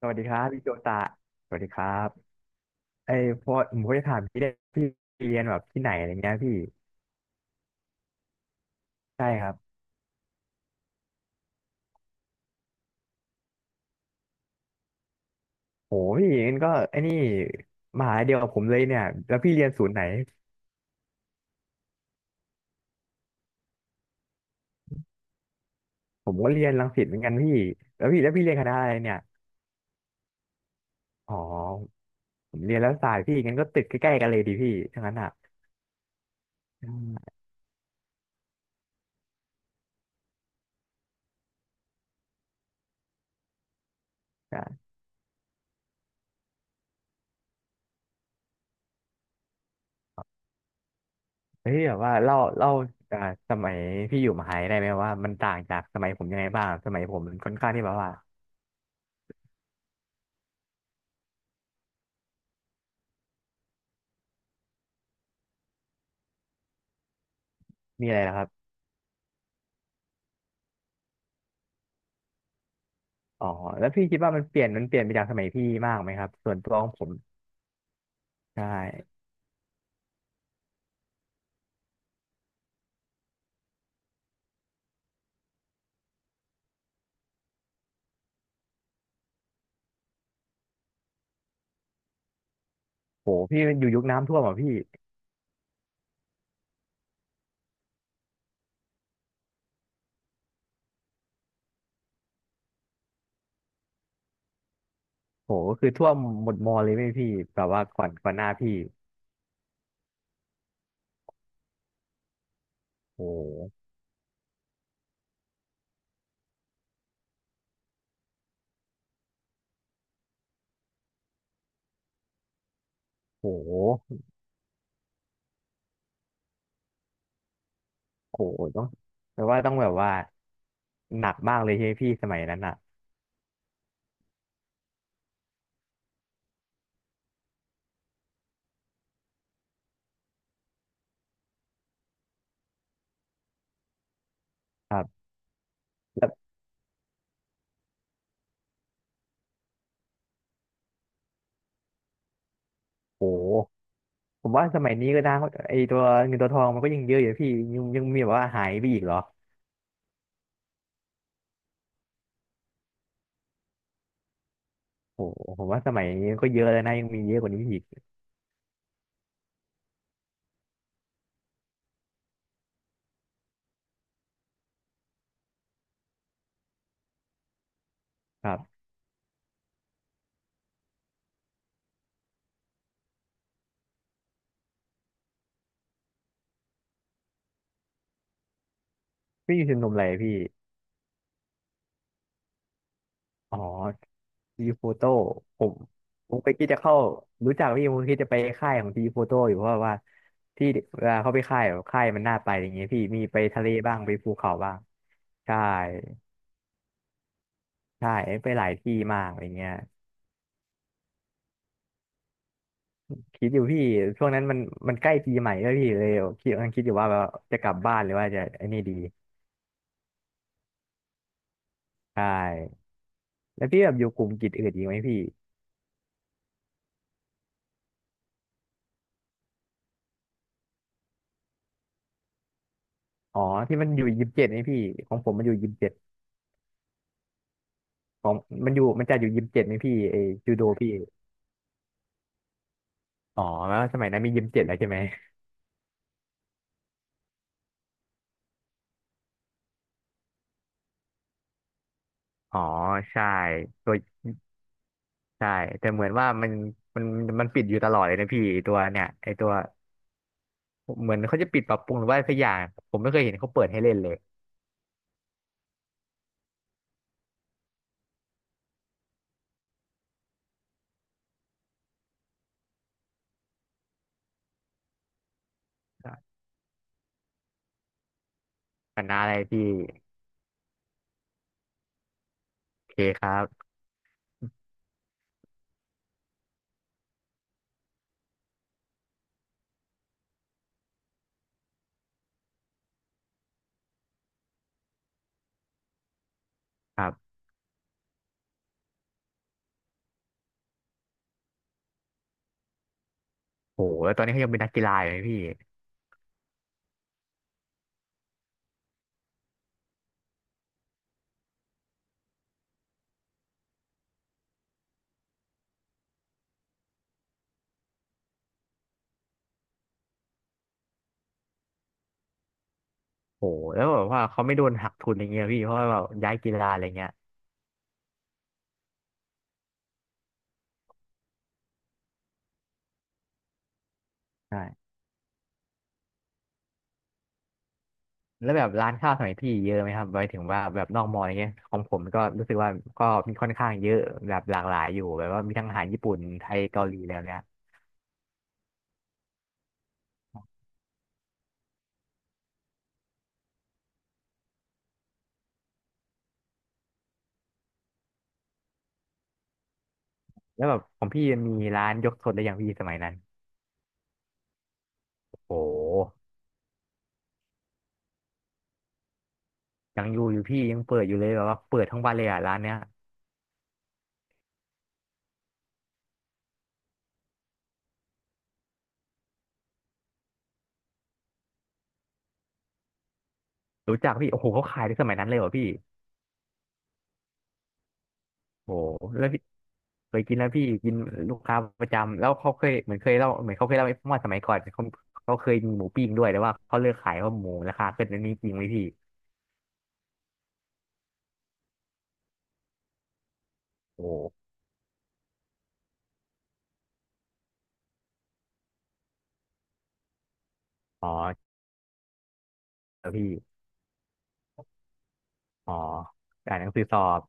สวัสดีครับพี่โจตะสวัสดีครับไอ้พอผมก็จะถามพี่เนี่ยพี่เรียนแบบที่ไหนอะไรเงี้ยพี่ใช่ครับโหพี่งั้นก็ไอ้นี่มหาลัยเดียวกับผมเลยเนี่ยแล้วพี่เรียนศูนย์ไหนผมก็เรียนรังสิตเหมือนกันพี่แล้วพี่เรียนคณะอะไรเนี่ยอ๋อผมเรียนแล้วศาสตร์พี่งั้นก็ติดใกล้ๆกันเลยดีพี่ทั้งนั้นอ่ะอืมอ่ะเฮ้ยแบบว่าเล่าเล่าอ่าสมัยพี่อยู่มหาลัยได้ไหมว่ามันต่างจากสมัยผมยังไงบ้างสมัยผมมันค่อนข้างที่แบบว่ามีอะไรนะครับ อ๋อแล้วพี่คิดว่ามันเปลี่ยนไปจากสมัยพี่มากไหมครับส่วนตัวของผมใช่โหพี่มันอยู่ยุคน้ำท่วมอ่ะพี่โหก็คือท่วมหมดมอเลยไหมพี่แบบว่าก่อนหน้าพี่โหโหโหต้องแปลว่าต้องแบบว่าหนักมากเลยใช่ไหมพี่สมัยนั้นอ่ะครับแล้วโหผมว่าสมัยนี้ก็ได้ไอตัวเงินตัวทองมันก็ยังเยอะอยู่พี่ยังมีแบบว่าหายไปอีกเหรอโหผมว่าสมัยนี้ก็เยอะแล้วนะยังมีเยอะกว่านี้อีกครับพี่อยู่ชมรมอะไรพี่ อ๋อทีโฟโต้ผมผมไปคิดจะเข้ารู้จักพี่ผมคิดจะไปค่ายของทีโฟโต้อยู่เพราะว่าที่เวลาเขาไปค่ายแบบค่ายมันน่าไปอย่างเงี้ยพี่มีไปทะเลบ้างไปภูเขาบ้างใช่ใช่ไปหลายที่มากอะไรเงี้ยคิดอยู่พี่ช่วงนั้นมันใกล้ปีใหม่ด้วยพี่เลยกำลังคิดอยู่ว่าแบบจะกลับบ้านหรือว่าจะไอ้นี่ดีใช่แล้วพี่แบบอยู่กลุ่มกิจอื่นอีกไหมพี่อ๋อที่มันอยู่ยิมเจ็ดไหมพี่ของผมมันอยู่ยิมเจ็ดของมันจะอยู่ยิมเจ็ดไหมพี่ไอจูโดพี่ อ๋อแล้วสมัยนั้นมียิมเจ็ดแล้วใช่ไหมอ๋อใช่ตัวใช่แต่เหมือนว่ามันมันปิดอยู่ตลอดเลยนะพี่ตัวเนี่ยไอตัวเหมือนเขาจะปิดปรับปรุงหรือว่าสักอย่างผมไม่เคยเห็นเขาเปิดให้เล่นเลยคณะอะไรพี่โอเคครับครับโหแล้วตอนนี้เขายังเป็นนักกีฬาอยู่ไหมพี่โหแล้วแบบว่าเขาไม่โดนหักทุนอะไรเงี้ยพี่เพราะว่าแบบย้ายกีฬาอะไรเงี้ย แล้วแบบร้านข้าวสมัยพี่เยอะไหมครับไมถึงว่าแบบนอกมออะไรเงี้ยของผมก็รู้สึกว่าก็มีค่อนข้างเยอะแบบหลากหลายอยู่แบบว่ามีทั้งอาหารญี่ปุ่นไทยเกาหลีแล้วเนี่ยแล้วแบบของพี่มีร้านยกทนได้ยังพี่สมัยนั้นโอ้ยังอยู่อยู่พี่ยังเปิดอยู่เลยแบบว่าเปิดทั้งวันเลยอ่ะร้านเนี้ยรู้จักพี่โอ้โหเขาขายในสมัยนั้นเลยเหรอพี่โอ้แล้วพี่เคยกินแล้วพี่กินลูกค้าประจำแล้วเขาเคยเหมือนเคยเล่าเหมือนเขาเคยเล่าให้ฟังว่าสมัยก่อนเขาเคยมีหมูปิ้งด้วยแต่ว่าเขาเลิกขายเพราะหมูราคาขึ้นอันนี้จริงไหมพี่โอ้อ๋อ แล้วพี่อ๋ออ่านหนังสือสอบ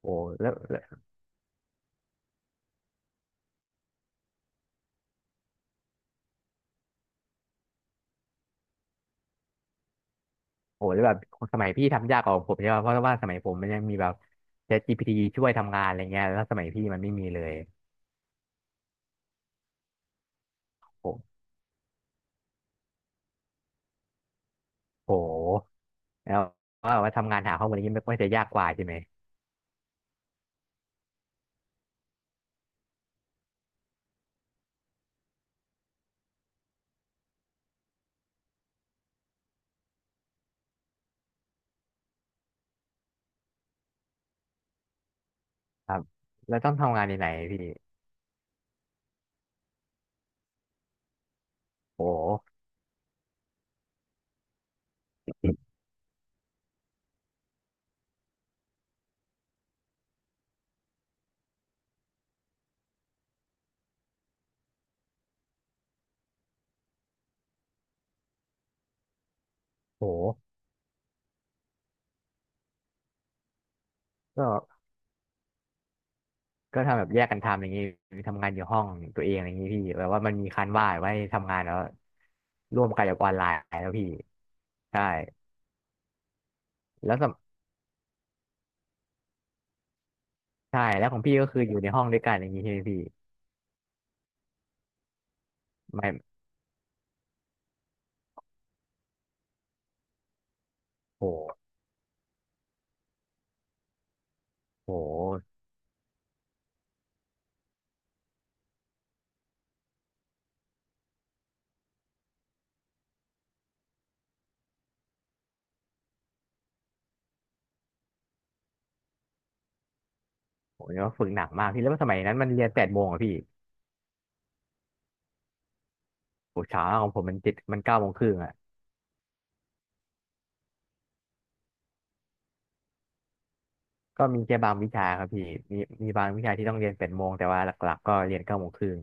โอ้แล้วแล้วโอ้แล้วแบบสมัยพี่ทำยากกว่าผมใช่ป่ะเพราะว่าสมัยผมมันยังมีแบบ ChatGPT ช่วยทำงานอะไรเงี้ยแล้วสมัยพี่มันไม่มีเลย โอ้โหแล้วว่าทำงานหาข้อมูลอย่างนี้มันก็จะยากกว่าใช่ไหมครับแล้วต้องทำงานในไหนพี่โอ้โหโอ้โหก็ก็ทำแบบแยกกันทำอย่างนี้ทำงานอยู่ห้องตัวเองอย่างนี้พี่แบบว่ามันมีคันว่าไว้ทำงานแล้วร่วมกันกับออนไลน์แล้วพี่ใช่แล้วสม ใช่แล้วของพี่ก็คืออยู่ในห้องด้วยกันอย่างนี้ใช่ไหมพี่ไม่โหโหผมเนี่ยว่าฝึกหนักมากพี่แล้วสมัยนั้นมันเรียนแปดโมงอะพี่โหเช้าของผมมันเจ็ดมันเก้าโมงครึ่งอะก็มีแค่บางวิชาครับพี่มีมีบางวิชาที่ต้องเรียนแปดโมงแต่ว่าหลักๆก็เรียนเก้าโมงครึ่ง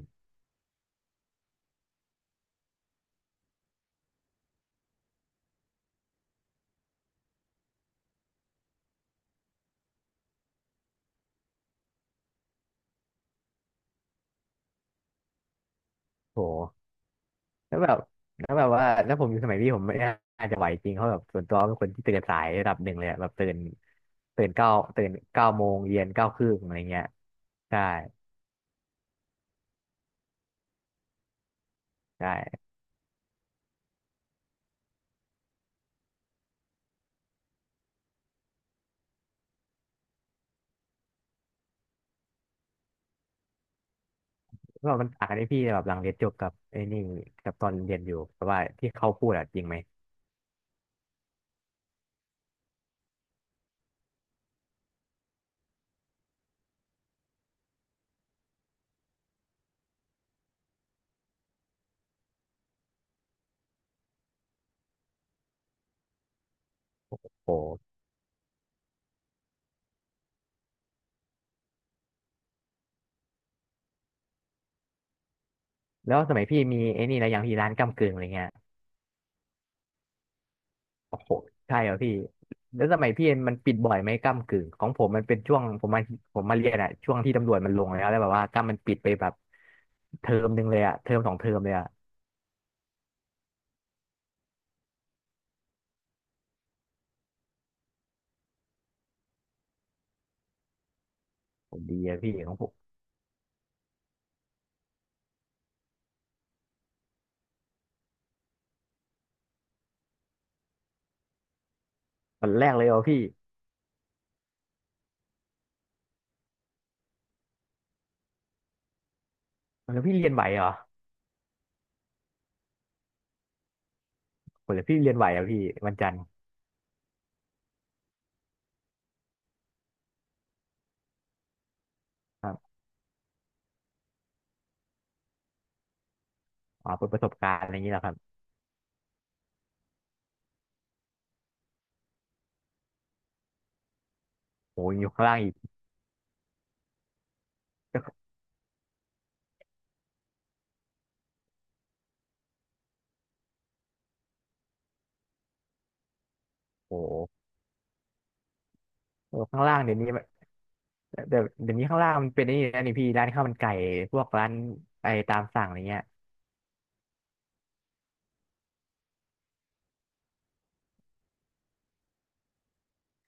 โหแล้วแบบแล้วแบบว่าแล้วผมอยู่สมัยพี่ผมไม่น่าจะไหวจริงเขาแบบส่วนตัวเป็นคนที่ตื่นสายระดับหนึ่งเลยอะแบบตื่นเก้าตื่นเก้าโมงเรียนเก้าครึ่งอะไรเงี้ยใช่ใช่ ก็มันต่างกันที่พี่แบบหลังเรียนจบกับไอ้นี่กับตอนเรียนอยู่แต่ว่าที่เขาพูดอะจริงไหมโอ้แล้วสมัยพี่มีไอ้นี่แลรวยางพี่ร้านก้ำกึ่งอะไรเงี้ยโอ้โหใช่เหรอพี่แล้วสมัยพี่มันปิดบ่อยไหมก้ำกึ่งของผมมันเป็นช่วงผมมาผมเรียนอะช่วงที่ตำรวจมันลงแล้วแบบว่าก้ำมันปิดไปแบบเทอมหนึ่งเลยอะเทอมสองเทอมเลยอะผมดีอะพี่ของผมวันแรกเลยเหรอพี่แล้วพี่เรียนไหวเหรอผมเลยพี่เรียนไหวอะพี่วันจันทร์ครับอ๋อเป็นประสบการณ์อะไรอย่างนี้แหละครับโอ้ยอยู่ข้างล่างอีกโอ้โห เออข้างล่างเดี๋ยวนี้มันเดี๋ยวนี้ข้างล่างมันเป็นไอ้นี่นะนี่พี่ร้านข้าวมันไก่พวกร้านไอตามสั่งอะไรเงี้ย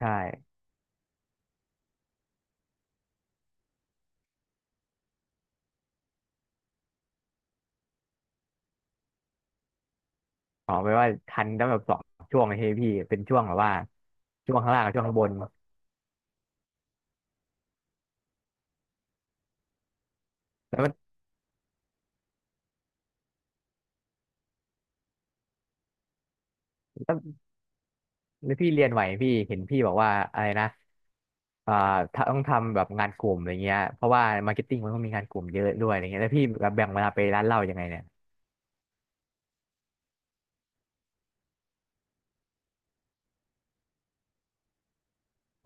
ใช่ขอไปว่าทันตั้งแบบสองช่วงเลยพี่เป็นช่วงแบบว่าช่วงข้างล่างกับช่วงข้างบนแล้วมันแล้วแล้วพี่เรียนไหวไหมพี่เห็นพี่บอกว่าอะไรนะอ่าถ้าต้องทำแบบงานกลุ่มอะไรเงี้ยเพราะว่ามาร์เก็ตติ้งมันต้องมีงานกลุ่มเยอะด้วยอะไรเงี้ยแล้วพี่แบบแบ่งเวลาไปร้านเหล้ายังไงเนี่ย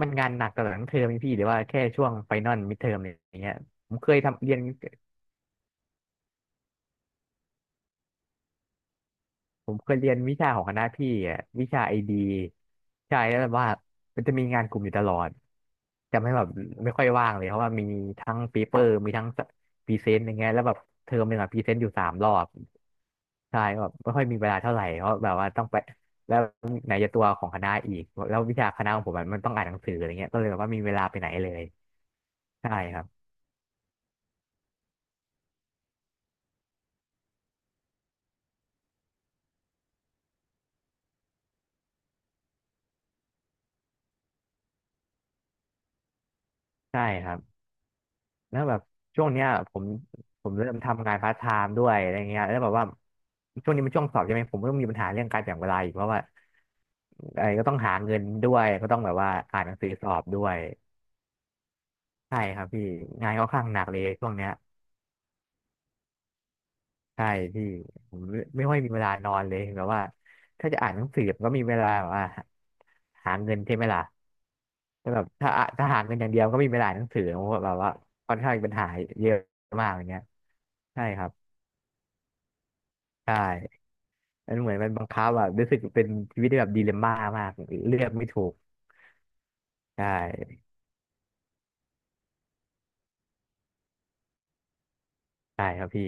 มันงานหนักตลอดทั้งเทอมไหมพี่หรือว่าแค่ช่วงไฟนอลมิดเทอมอะไรอย่างเงี้ยผมเคยทำเรียน ผมเคยเรียนวิชาของคณะพี่อ่ะวิชาไอดีใช่แล้วแบบว่ามันจะมีงานกลุ่มอยู่ตลอดจำให้แบบไม่ค่อยว่างเลยเพราะว่ามีทั้งเปีเปอร์มีทั้งพรีเซนต์อย่างเงี้ยแล้วแบบเทอมหนึ่งอะพรีเซนต์อยู่สามรอบใช่แบบไม่ค่อยมีเวลาเท่าไหร่เพราะแบบว่าต้องไปแล้วไหนจะตัวของคณะอีกแล้ววิชาคณะของผมอะมันต้องอ่านหนังสืออะไรเงี้ยก็เลยแบบว่ามีเวลาไปไหนเลยใช่ครับใช่ครับ แล้วแบบช่วงเนี้ยผมเริ่มทำงานพาร์ทไทม์ด้วยอะไรเงี้ยแล้วแบบว่าช่วงนี้มันช่วงสอบใช่ไหมผมก็ต้องมีปัญหาเรื่องการแบ่งเวลาอีกเพราะว่าไอ้ก็ต้องหาเงินด้วยก็ต้องแบบว่าอ่านหนังสือสอบด้วยใช่ครับพี่งานค่อนข้างหนักเลยช่วงเนี้ยใช่พี่ผมไม่ค่อยมีเวลานอนเลยแบบว่าถ้าจะอ่านหนังสือมันก็มีเวลาแบบว่าหาเงินใช่ไหมล่ะแต่แบบถ้าหาเงินอย่างเดียวก็ไมมีเวลาอ่านหนังสือเพราะว่าแบบว่าค่อนข้างมีปัญหาเยอะมากอย่างเงี้ยใช่ครับ ใช่มันเหมือนมันบังคับแบบรู้สึกเป็นชีวิตที่แบบดีเลมม่ามาก เลือกไม่ถูกใช่ใช่ครับพี่